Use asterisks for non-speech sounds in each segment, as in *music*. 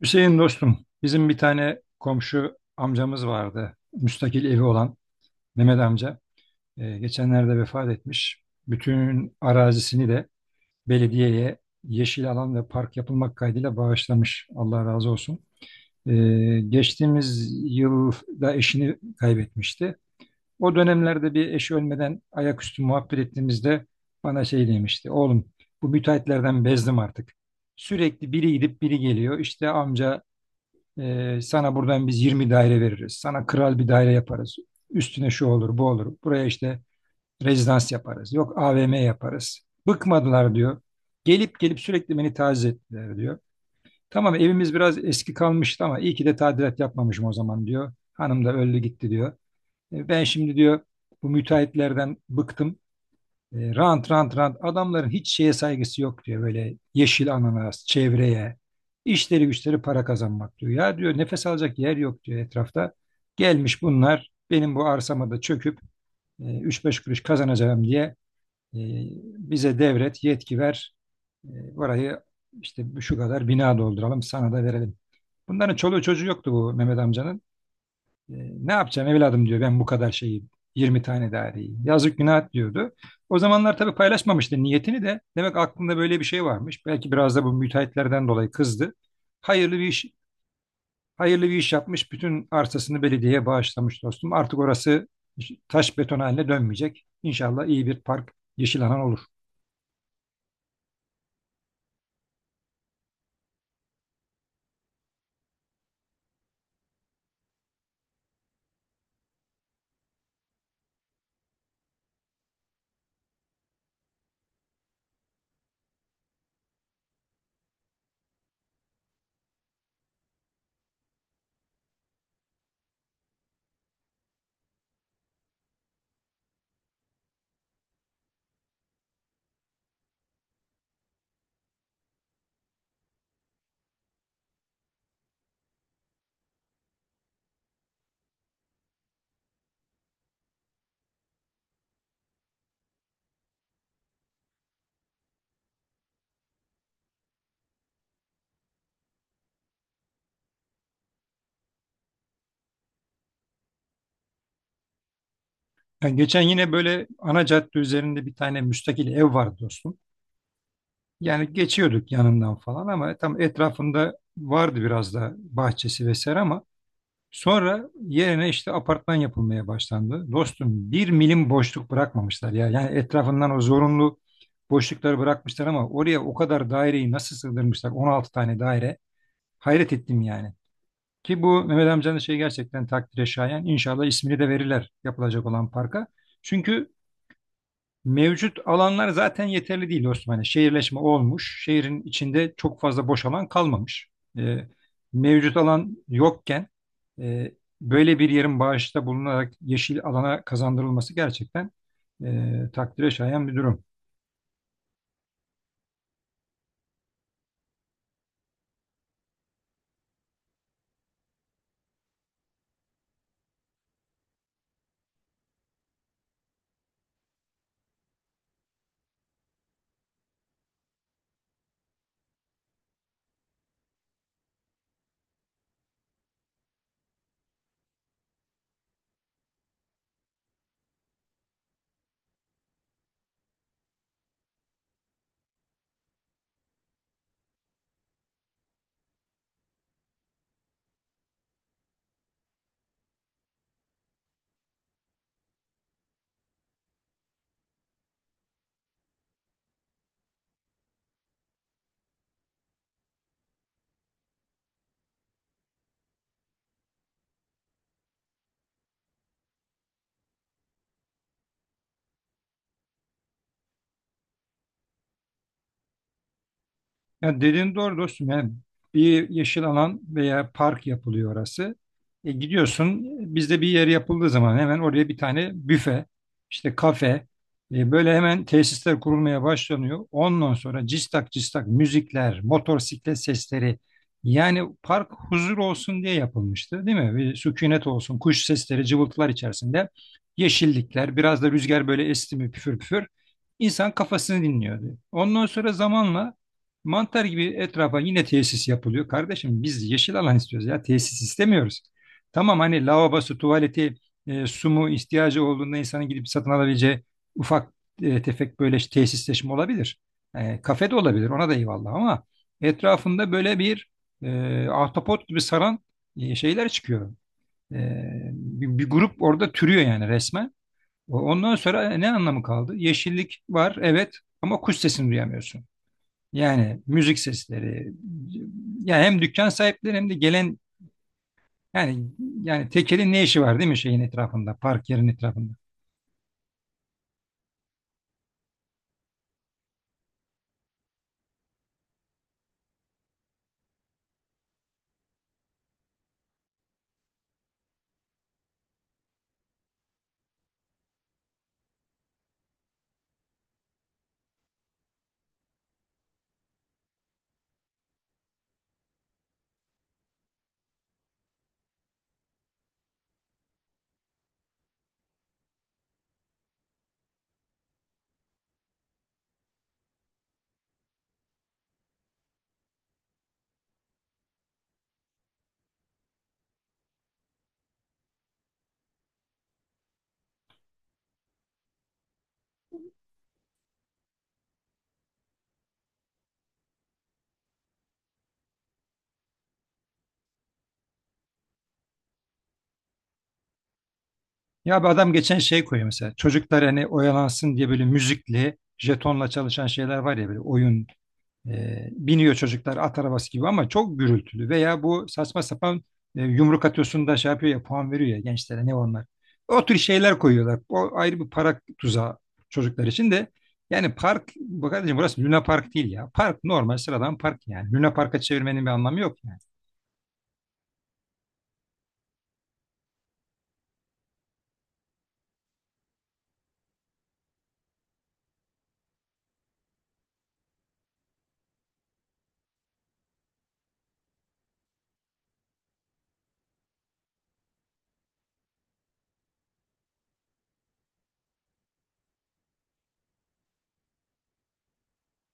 Hüseyin dostum, bizim bir tane komşu amcamız vardı. Müstakil evi olan Mehmet amca. Geçenlerde vefat etmiş. Bütün arazisini de belediyeye yeşil alan ve park yapılmak kaydıyla bağışlamış. Allah razı olsun. Ee, geçtiğimiz yıl da eşini kaybetmişti. O dönemlerde bir eşi ölmeden ayaküstü muhabbet ettiğimizde bana şey demişti. Oğlum bu müteahhitlerden bezdim artık. Sürekli biri gidip biri geliyor. İşte amca sana buradan biz 20 daire veririz. Sana kral bir daire yaparız. Üstüne şu olur, bu olur. Buraya işte rezidans yaparız. Yok AVM yaparız. Bıkmadılar diyor. Gelip gelip sürekli beni taciz ettiler diyor. Tamam evimiz biraz eski kalmıştı ama iyi ki de tadilat yapmamışım o zaman diyor. Hanım da öldü gitti diyor. Ben şimdi diyor bu müteahhitlerden bıktım. E, rant rant rant adamların hiç şeye saygısı yok diyor böyle yeşil ananas çevreye işleri güçleri para kazanmak diyor. Ya diyor nefes alacak yer yok diyor etrafta. Gelmiş bunlar benim bu arsama da çöküp üç beş kuruş kazanacağım diye e, bize devret yetki ver. Burayı işte şu kadar bina dolduralım sana da verelim. Bunların çoluğu çocuğu yoktu bu Mehmet amcanın. E, ne yapacağım evladım diyor ben bu kadar şeyi 20 tane daireyi. Yazık günah diyordu. O zamanlar tabii paylaşmamıştı niyetini de. Demek aklında böyle bir şey varmış. Belki biraz da bu müteahhitlerden dolayı kızdı. Hayırlı bir iş hayırlı bir iş yapmış. Bütün arsasını belediyeye bağışlamış dostum. Artık orası taş beton haline dönmeyecek. İnşallah iyi bir park, yeşil alan olur. Yani geçen yine böyle ana cadde üzerinde bir tane müstakil ev vardı dostum. Yani geçiyorduk yanından falan ama tam etrafında vardı biraz da bahçesi vesaire ama sonra yerine işte apartman yapılmaya başlandı. Dostum bir milim boşluk bırakmamışlar ya. Yani etrafından o zorunlu boşlukları bırakmışlar ama oraya o kadar daireyi nasıl sığdırmışlar? 16 tane daire. Hayret ettim yani. Ki bu Mehmet amcanın şey gerçekten takdire şayan. İnşallah ismini de verirler yapılacak olan parka. Çünkü mevcut alanlar zaten yeterli değil Osmanlı. Şehirleşme olmuş. Şehrin içinde çok fazla boş alan kalmamış. E, mevcut alan yokken e, böyle bir yerin bağışta bulunarak yeşil alana kazandırılması gerçekten takdire şayan bir durum. Ya dediğin doğru dostum. Yani bir yeşil alan veya park yapılıyor orası. Gidiyorsun bizde bir yer yapıldığı zaman hemen oraya bir tane büfe, işte kafe, böyle hemen tesisler kurulmaya başlanıyor. Ondan sonra cistak cistak müzikler, motosiklet sesleri. Yani park huzur olsun diye yapılmıştı, değil mi? Bir sükunet olsun, kuş sesleri, cıvıltılar içerisinde. Yeşillikler, biraz da rüzgar böyle esti mi püfür püfür. İnsan kafasını dinliyordu. Ondan sonra zamanla mantar gibi etrafa yine tesis yapılıyor. Kardeşim biz yeşil alan istiyoruz ya tesis istemiyoruz. Tamam hani lavabosu, tuvaleti, su mu ihtiyacı olduğunda insanın gidip satın alabileceği ufak tefek böyle işte tesisleşme olabilir. Kafe de olabilir ona da eyvallah ama etrafında böyle bir ahtapot gibi saran şeyler çıkıyor. E, bir grup orada türüyor yani resmen. Ondan sonra ne anlamı kaldı? Yeşillik var evet ama kuş sesini duyamıyorsun. Yani müzik sesleri yani hem dükkan sahipleri hem de gelen yani yani tekelin ne işi var değil mi şeyin etrafında park yerin etrafında. Ya bir adam geçen şey koyuyor mesela çocuklar hani oyalansın diye böyle müzikli jetonla çalışan şeyler var ya böyle oyun biniyor çocuklar at arabası gibi ama çok gürültülü veya bu saçma sapan yumruk atıyorsun da şey yapıyor ya puan veriyor ya gençlere ne onlar. O tür şeyler koyuyorlar. O ayrı bir para tuzağı çocuklar için de yani park bu kardeşim burası Luna Park değil ya. Park normal sıradan park yani. Luna Park'a çevirmenin bir anlamı yok yani.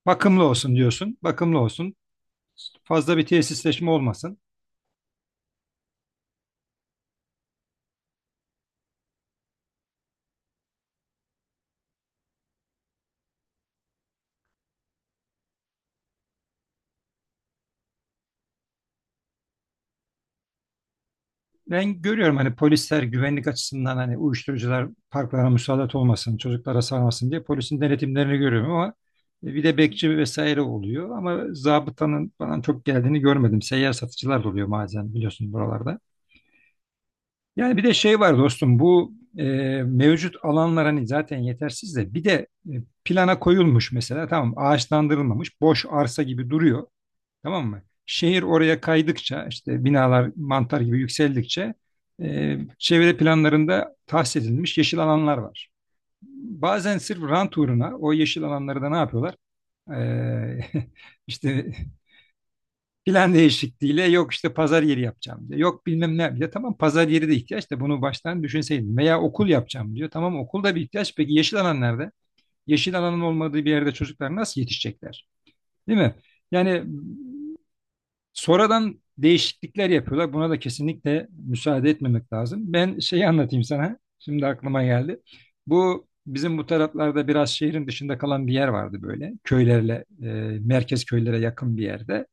Bakımlı olsun diyorsun. Bakımlı olsun. Fazla bir tesisleşme olmasın. Ben görüyorum hani polisler güvenlik açısından hani uyuşturucular parklara müsaade olmasın, çocuklara sarmasın diye polisin denetimlerini görüyorum ama bir de bekçi vesaire oluyor ama zabıtanın falan çok geldiğini görmedim. Seyyar satıcılar da oluyor bazen biliyorsun buralarda. Yani bir de şey var dostum bu e, mevcut alanlar hani zaten yetersiz de bir de e, plana koyulmuş mesela tamam ağaçlandırılmamış boş arsa gibi duruyor. Tamam mı? Şehir oraya kaydıkça işte binalar mantar gibi yükseldikçe çevre planlarında tahsis edilmiş yeşil alanlar var. Bazen sırf rant uğruna o yeşil alanları da ne yapıyorlar? E, *laughs* işte plan değişikliğiyle yok işte pazar yeri yapacağım diyor. Yok bilmem ne diyor. Tamam pazar yeri de ihtiyaç da bunu baştan düşünseydin. Veya okul yapacağım diyor. Tamam okul da bir ihtiyaç. Peki yeşil alan nerede? Yeşil alanın olmadığı bir yerde çocuklar nasıl yetişecekler? Değil mi? Yani sonradan değişiklikler yapıyorlar. Buna da kesinlikle müsaade etmemek lazım. Ben şeyi anlatayım sana. Şimdi aklıma geldi. Bu bizim bu taraflarda biraz şehrin dışında kalan bir yer vardı böyle. Köylerle, merkez köylere yakın bir yerde.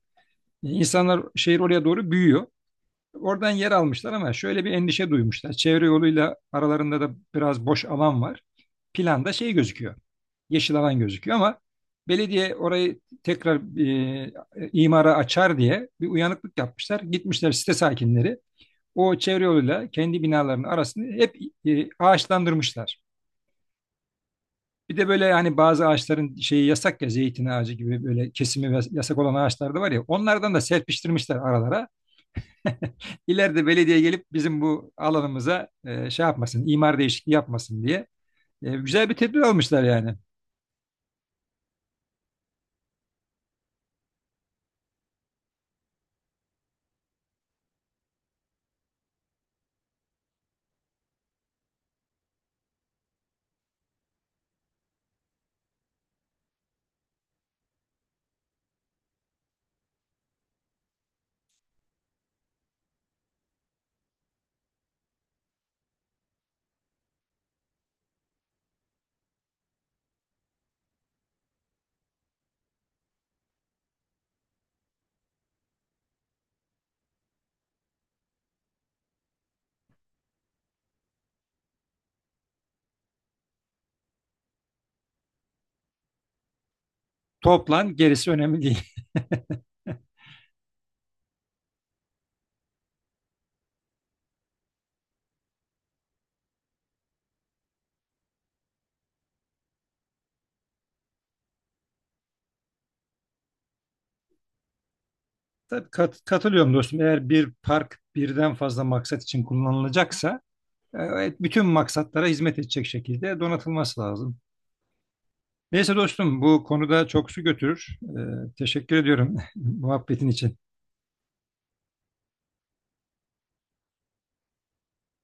İnsanlar şehir oraya doğru büyüyor. Oradan yer almışlar ama şöyle bir endişe duymuşlar. Çevre yoluyla aralarında da biraz boş alan var. Planda şey gözüküyor yeşil alan gözüküyor ama belediye orayı tekrar e, imara açar diye bir uyanıklık yapmışlar. Gitmişler site sakinleri o çevre yoluyla kendi binalarının arasını hep ağaçlandırmışlar. Bir de böyle hani bazı ağaçların şeyi yasak ya zeytin ağacı gibi böyle kesimi yasak olan ağaçlar da var ya onlardan da serpiştirmişler aralara. *laughs* İleride belediye gelip bizim bu alanımıza şey yapmasın, imar değişikliği yapmasın diye güzel bir tedbir almışlar yani. Toplan gerisi önemli değil. *laughs* Tabii katılıyorum dostum. Eğer bir park birden fazla maksat için kullanılacaksa evet, bütün maksatlara hizmet edecek şekilde donatılması lazım. Neyse dostum bu konuda çok su götürür. Teşekkür ediyorum *laughs* muhabbetin için.